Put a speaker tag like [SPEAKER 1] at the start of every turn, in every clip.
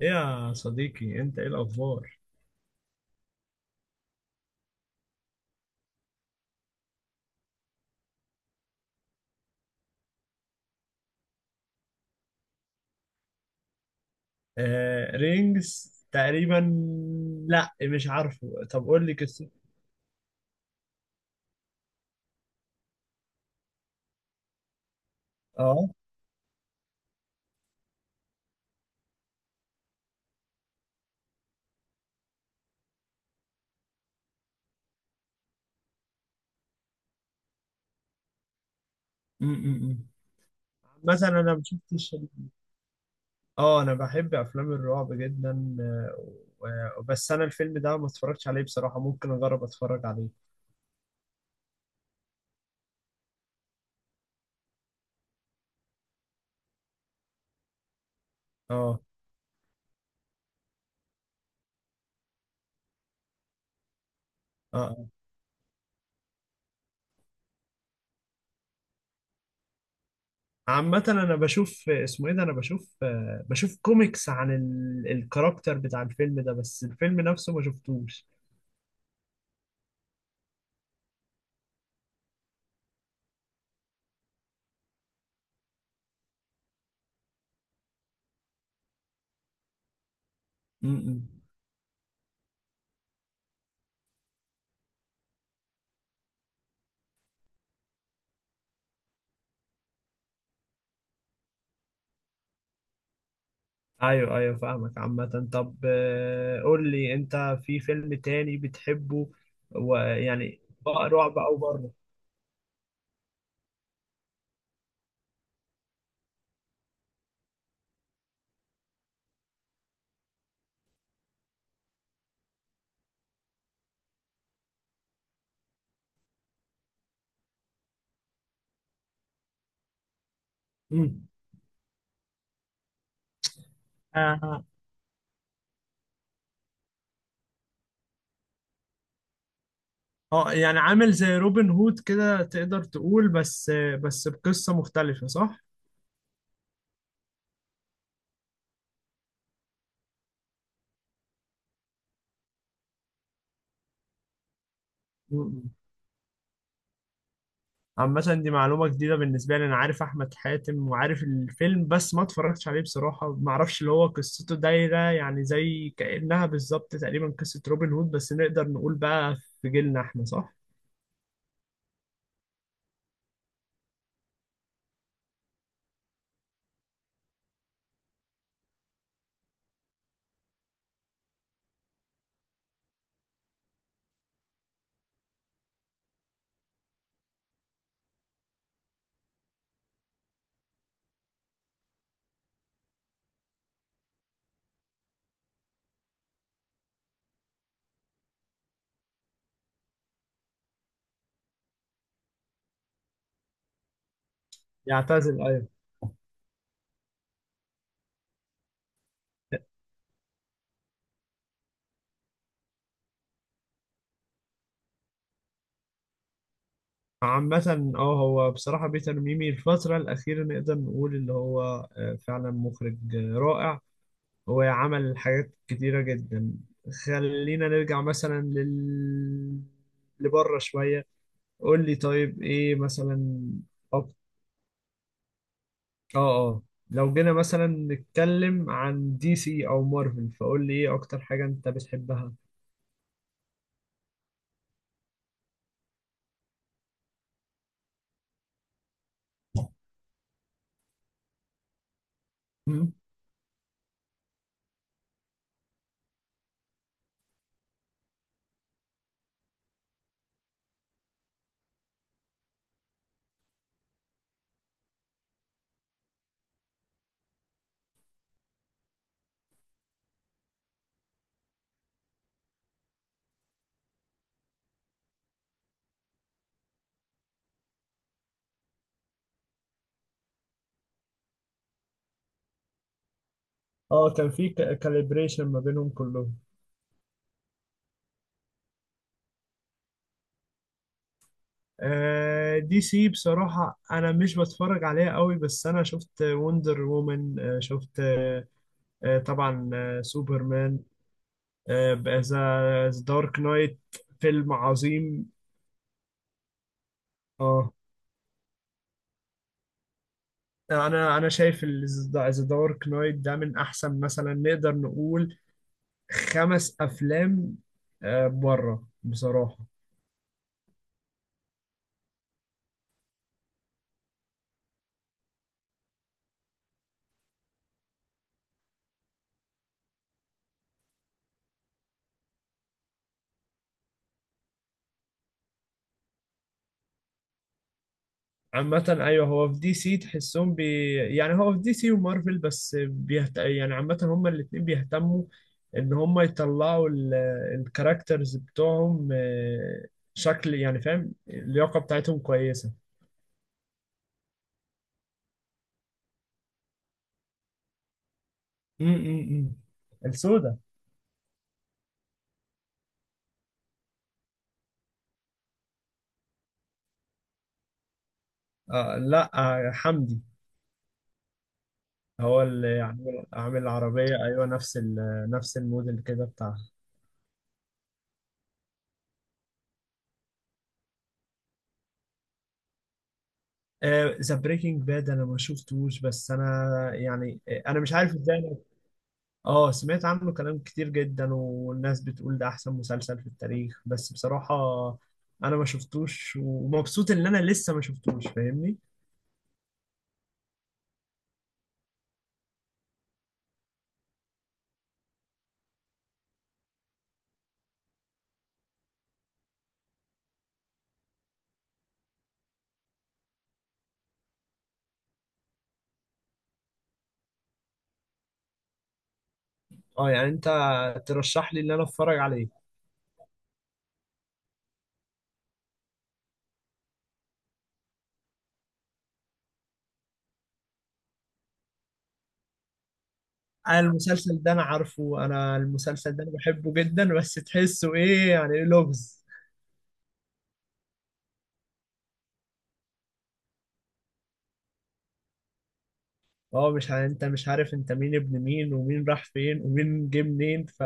[SPEAKER 1] إيه يا صديقي، انت ايه الاخبار؟ آه رينجز تقريبا. لا مش عارفه، طب قول لي قصته. اه م- م- م. مثلا انا ما شفتش انا بحب افلام الرعب جدا بس انا الفيلم ده ما اتفرجتش عليه بصراحة، ممكن اجرب اتفرج عليه. اه اه آه. عامة انا بشوف اسمه ايه ده، انا بشوف بشوف كوميكس عن الكاركتر بتاع الفيلم ده، بس الفيلم نفسه ما شفتوش. م- م. ايوه ايوه فاهمك. عامة طب قول لي انت في فيلم تاني بتحبه، ويعني بقى رعب او بره. مم. آه، يعني عامل زي روبن هود كده تقدر تقول، بس بس بقصة مختلفة صح؟ مم. عامة دي معلومة جديدة بالنسبة لي، أنا عارف أحمد حاتم وعارف الفيلم بس ما اتفرجتش عليه بصراحة، ما أعرفش اللي هو قصته دايرة يعني زي كأنها بالظبط تقريبا قصة روبن هود، بس نقدر نقول بقى في جيلنا إحنا صح؟ يعتزل أيوه. عامة اه، هو بصراحة بيتر ميمي الفترة الأخيرة نقدر نقول اللي هو فعلا مخرج رائع، هو عمل حاجات كتيرة جدا. خلينا نرجع مثلا لل لبره شوية، قول لي طيب ايه مثلا. أك- اه اه، لو جينا مثلا نتكلم عن دي سي او مارفل فقول لي ايه اكتر حاجة انت بتحبها. مم. اه كان في كاليبريشن ما بينهم كلهم. دي سي بصراحة أنا مش بتفرج عليها قوي، بس أنا شفت وندر وومن، شفت طبعا سوبرمان، ذا دارك نايت فيلم عظيم. اه، أنا شايف ذا دارك نايت ده من أحسن مثلا نقدر نقول خمس أفلام بره بصراحة. عامة أيوه، هو في دي سي تحسهم بي يعني هو في دي سي ومارفل بس بيهت... يعني عامة هما الاتنين بيهتموا إن هما يطلعوا ال... الكاركترز بتوعهم شكل يعني، فاهم؟ اللياقة بتاعتهم كويسة. امم، السوداء. آه لا، آه حمدي. هو اللي عامل العربية أيوه نفس ال... نفس الموديل كده بتاعها. ذا بريكنج باد أنا ما شفتوش، بس أنا يعني أنا مش عارف إزاي. اه سمعت عنه كلام كتير جدا والناس بتقول ده احسن مسلسل في التاريخ، بس بصراحة انا ما شفتوش ومبسوط ان انا لسه ما شفتوش، فاهمني؟ اه يعني انت ترشح لي ان انا اتفرج عليه. المسلسل ده انا عارفه، انا المسلسل ده انا بحبه جدا، بس تحسه ايه يعني إيه، لغز. اه مش انت مش عارف انت مين ابن مين ومين راح فين ومين جه منين، ف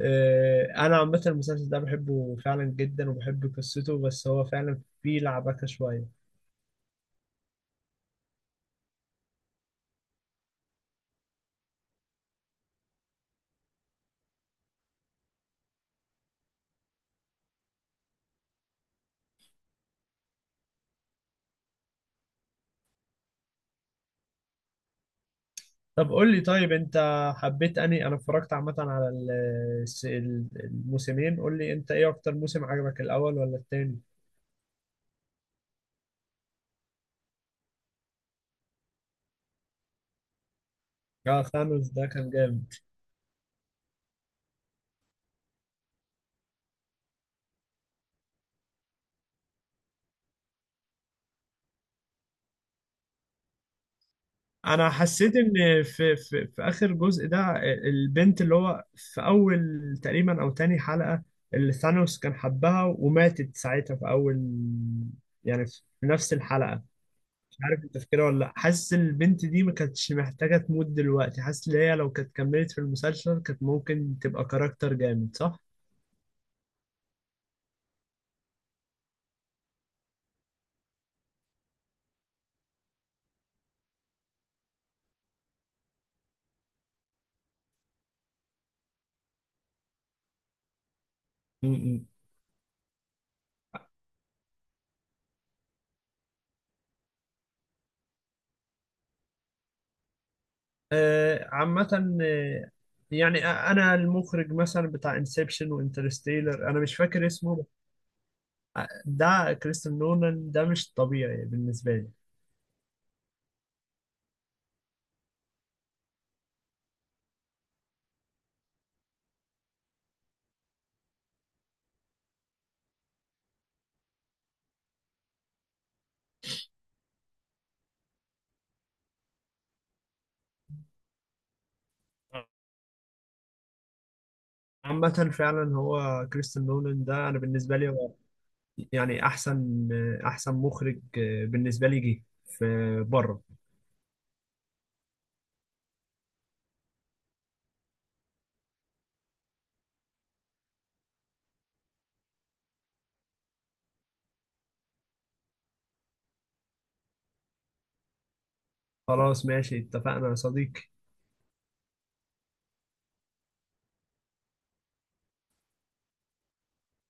[SPEAKER 1] انا عامة المسلسل ده بحبه فعلا جدا وبحب قصته، بس هو فعلا فيه لعبكة شوية. طب قول لي طيب انت حبيت اني انا اتفرجت عامه على الموسمين، قول لي انت ايه اكتر موسم عجبك الاول ولا التاني. اه ثانوس ده كان جامد. انا حسيت ان في اخر جزء ده البنت اللي هو في اول تقريبا او تاني حلقة اللي ثانوس كان حبها وماتت ساعتها في اول يعني في نفس الحلقة، مش عارف انت فاكرها ولا لا، حاسس البنت دي ما كانتش محتاجة تموت دلوقتي، حاسس ان هي لو كانت كملت في المسلسل كانت ممكن تبقى كاركتر جامد صح؟ م-م. آه عامة آه، يعني انا المخرج مثلا بتاع انسبشن وانترستيلر انا مش فاكر اسمه. ده كريستن نولان ده مش طبيعي بالنسبة لي. عامة فعلا هو كريستن نولان ده أنا بالنسبة لي هو يعني أحسن أحسن مخرج بالنسبة لي جه في بره. خلاص ماشي، اتفقنا يا صديقي.